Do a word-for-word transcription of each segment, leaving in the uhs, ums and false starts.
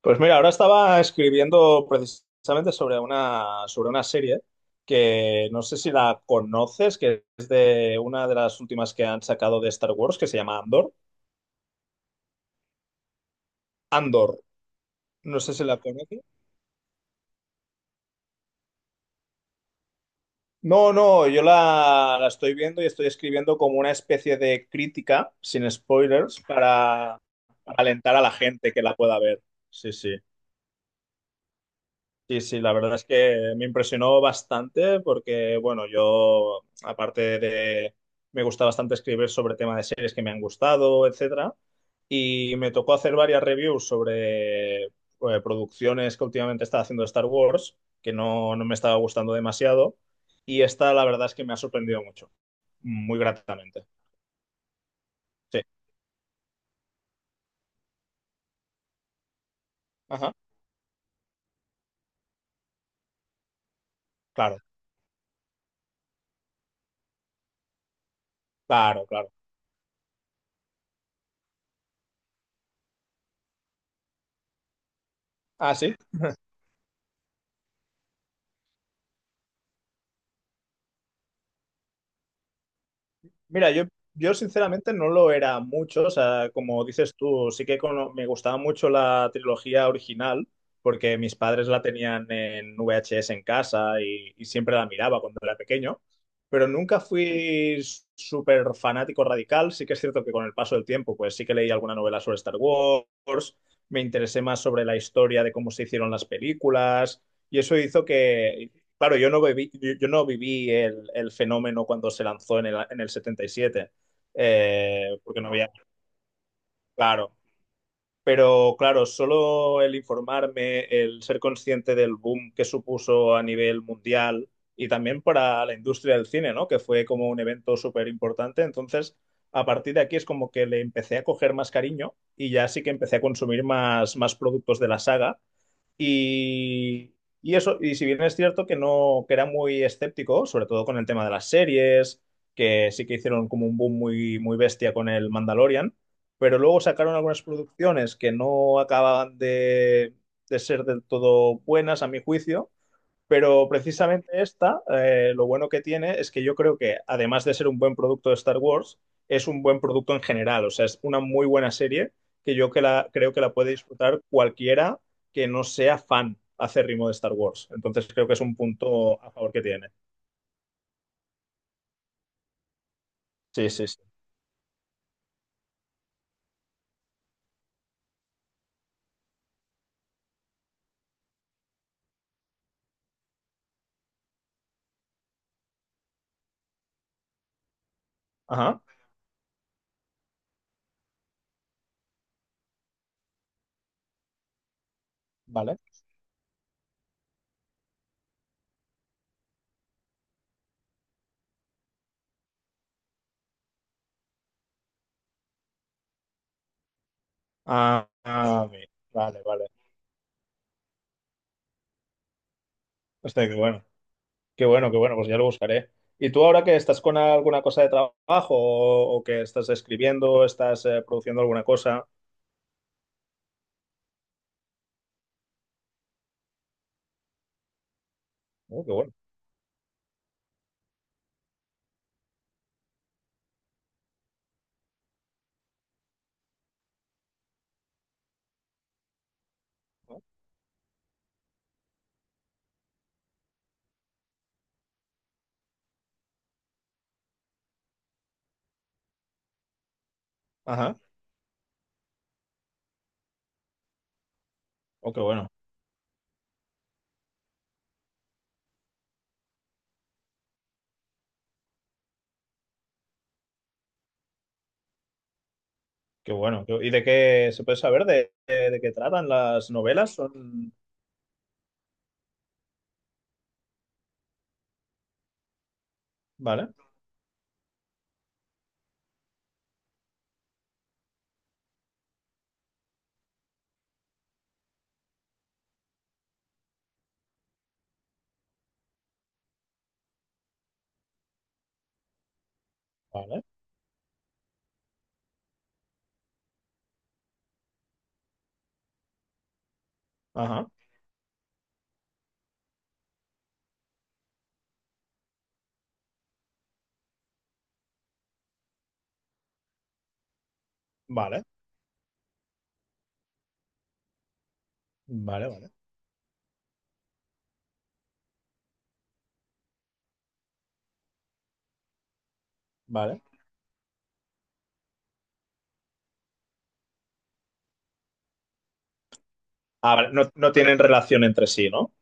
Pues mira, ahora estaba escribiendo precisamente sobre una, sobre una serie que no sé si la conoces, que es de una de las últimas que han sacado de Star Wars, que se llama Andor. Andor, no sé si la conoces. No, no, yo la, la estoy viendo y estoy escribiendo como una especie de crítica, sin spoilers, para, para alentar a la gente que la pueda ver. Sí, sí. Sí, sí, la verdad es que me impresionó bastante porque, bueno, yo, aparte de, me gusta bastante escribir sobre temas de series que me han gustado, etcétera, y me tocó hacer varias reviews sobre eh, producciones que últimamente estaba haciendo de Star Wars, que no, no me estaba gustando demasiado, y esta la verdad es que me ha sorprendido mucho, muy gratamente. Sí, ajá, claro, claro, claro. Ah, sí. Mira, yo, yo sinceramente no lo era mucho, o sea, como dices tú, sí que cono- me gustaba mucho la trilogía original, porque mis padres la tenían en V H S en casa y, y siempre la miraba cuando era pequeño, pero nunca fui s- súper fanático radical, sí que es cierto que con el paso del tiempo, pues sí que leí alguna novela sobre Star Wars, me interesé más sobre la historia de cómo se hicieron las películas, y eso hizo que, claro, yo no viví, yo yo no viví el, el fenómeno cuando se lanzó en el, en el setenta y siete, eh, porque no había, claro. Pero claro, solo el informarme, el ser consciente del boom que supuso a nivel mundial y también para la industria del cine, ¿no? Que fue como un evento súper importante. Entonces, a partir de aquí es como que le empecé a coger más cariño y ya sí que empecé a consumir más, más productos de la saga. Y, y eso, y si bien es cierto que no, que era muy escéptico, sobre todo con el tema de las series, que sí que hicieron como un boom muy, muy bestia con el Mandalorian, pero luego sacaron algunas producciones que no acababan de, de ser del todo buenas, a mi juicio, pero precisamente esta, eh, lo bueno que tiene es que yo creo que, además de ser un buen producto de Star Wars, es un buen producto en general. O sea, es una muy buena serie que yo que la, creo que la puede disfrutar cualquiera que no sea fan acérrimo de Star Wars. Entonces creo que es un punto a favor que tiene. Sí, sí, sí. Ajá, vale. Ah, ah, bien. Vale, vale. Hostia, qué bueno. Qué bueno, qué bueno, pues ya lo buscaré. ¿Y tú ahora que estás con alguna cosa de trabajo o, o que estás escribiendo, estás eh, produciendo alguna cosa? Oh, qué bueno. Ajá. Oh, qué bueno. Qué bueno. Qué- ¿Y de qué se puede saber de, de- de qué tratan las novelas? Son... Vale, vale. Ajá. Vale, vale, vale, vale. Ah, vale. No, no tienen relación entre sí, ¿no?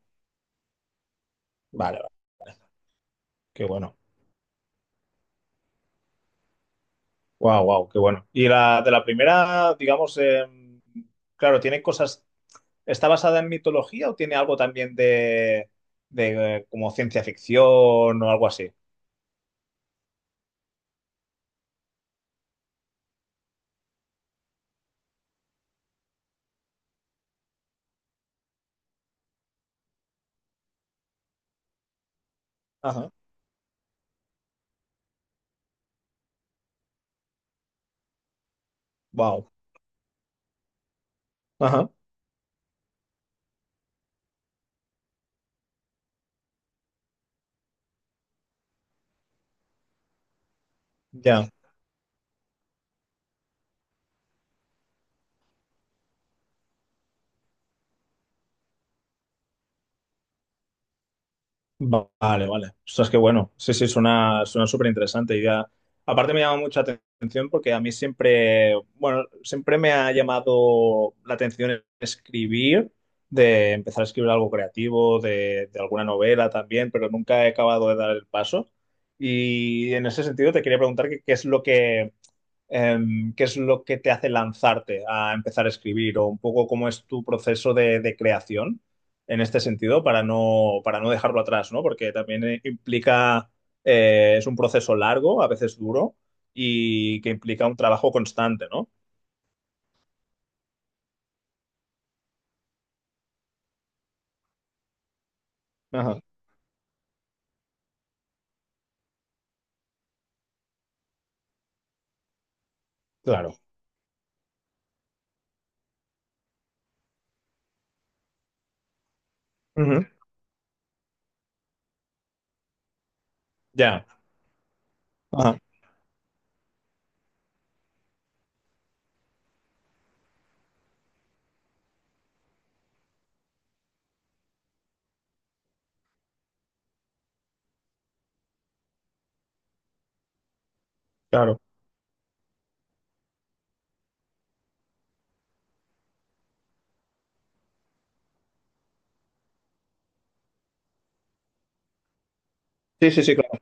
Vale, vale. Qué bueno. Wow, wow, qué bueno. Y la de la primera, digamos, eh, claro, tiene cosas. ¿Está basada en mitología o tiene algo también de, de eh, como ciencia ficción o algo así? Ajá. Wow. Ajá. Ya. Va- Vale, vale. Ostras, qué bueno. Sí, sí, suena, suena súper interesante. Y ya, aparte me llama mucha atención porque a mí siempre, bueno, siempre me ha llamado la atención escribir, de empezar a escribir algo creativo, de, de alguna novela también, pero nunca he acabado de dar el paso. Y en ese sentido te quería preguntar que- qué es lo que eh, ¿qué es lo que te hace lanzarte a empezar a escribir o un poco cómo es tu proceso de, de creación en este sentido para no, para no dejarlo atrás, ¿no? Porque también eh, implica, eh, es un proceso largo, a veces duro y que implica un trabajo constante, ¿no? Ajá, claro. Ujú. Ya, ajá, claro. Sí, sí, sí, claro.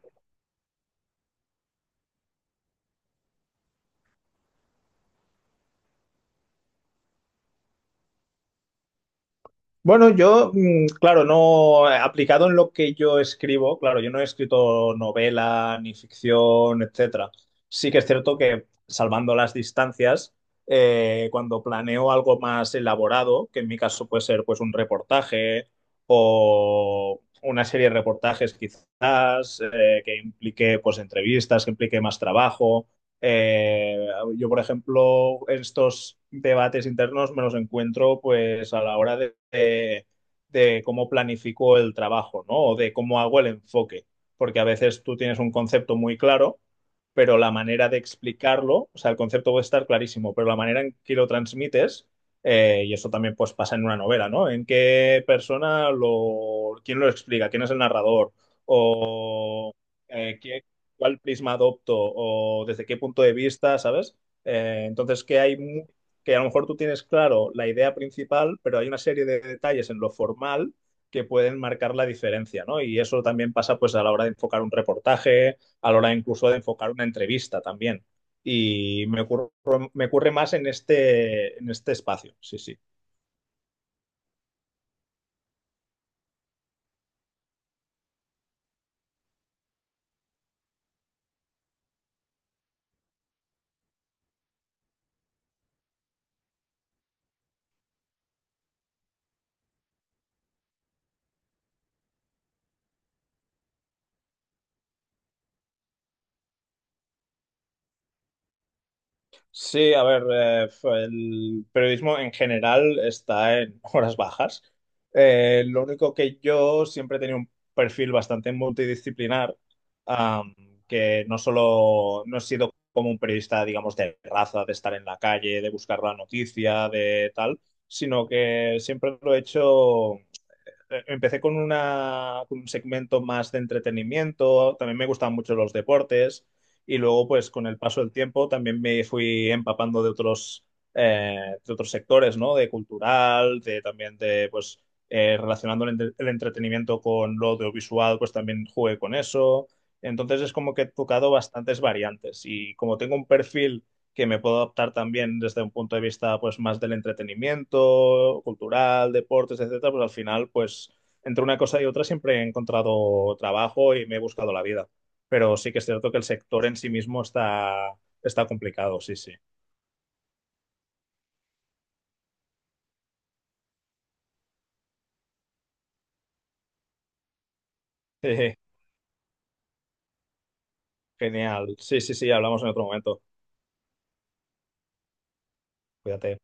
Bueno, yo, mm, claro, no, eh, aplicado en lo que yo escribo, claro, yo no he escrito novela ni ficción, etcétera. Sí que es cierto que, salvando las distancias, eh, cuando planeo algo más elaborado, que en mi caso puede ser pues un reportaje o una serie de reportajes quizás, eh, que implique pues entrevistas, que implique más trabajo, eh, yo, por ejemplo, estos debates internos me los encuentro pues a la hora de, de- de cómo planifico el trabajo, ¿no? O de cómo hago el enfoque, porque a veces tú tienes un concepto muy claro, pero la manera de explicarlo, o sea, el concepto puede estar clarísimo, pero la manera en que lo transmites, eh, y eso también pues pasa en una novela, ¿no? ¿En qué persona lo, quién lo explica? ¿Quién es el narrador? O eh, qué, cuál prisma adopto o desde qué punto de vista, ¿sabes? Eh, entonces, que hay mu- que a lo mejor tú tienes claro la idea principal, pero hay una serie de detalles en lo formal que pueden marcar la diferencia, ¿no? Y eso también pasa pues a la hora de enfocar un reportaje, a la hora incluso de enfocar una entrevista también. Y me ocurre, me ocurre más en este, en este espacio, sí, sí. Sí, a ver, eh, f- el periodismo en general está en horas bajas. Eh, lo único que yo siempre he tenido un perfil bastante multidisciplinar, am, que no solo no he sido como un periodista, digamos, de raza, de estar en la calle, de buscar la noticia, de tal, sino que siempre lo he hecho eh, empecé con una, con un segmento más de entretenimiento, también me gustaban mucho los deportes y luego pues con el paso del tiempo también me fui empapando de otros, eh, de otros sectores, ¿no? De cultural, de también de pues eh, relacionando el, entre- el entretenimiento con lo audiovisual, pues también jugué con eso. Entonces es como que he tocado bastantes variantes y como tengo un perfil que me puedo adaptar también desde un punto de vista pues más del entretenimiento, cultural, deportes, etcétera, pues al final pues entre una cosa y otra siempre he encontrado trabajo y me he buscado la vida. Pero sí que es cierto que el sector en sí mismo está, está complicado, sí, sí. Genial. Sí, sí, sí, hablamos en otro momento. Cuídate.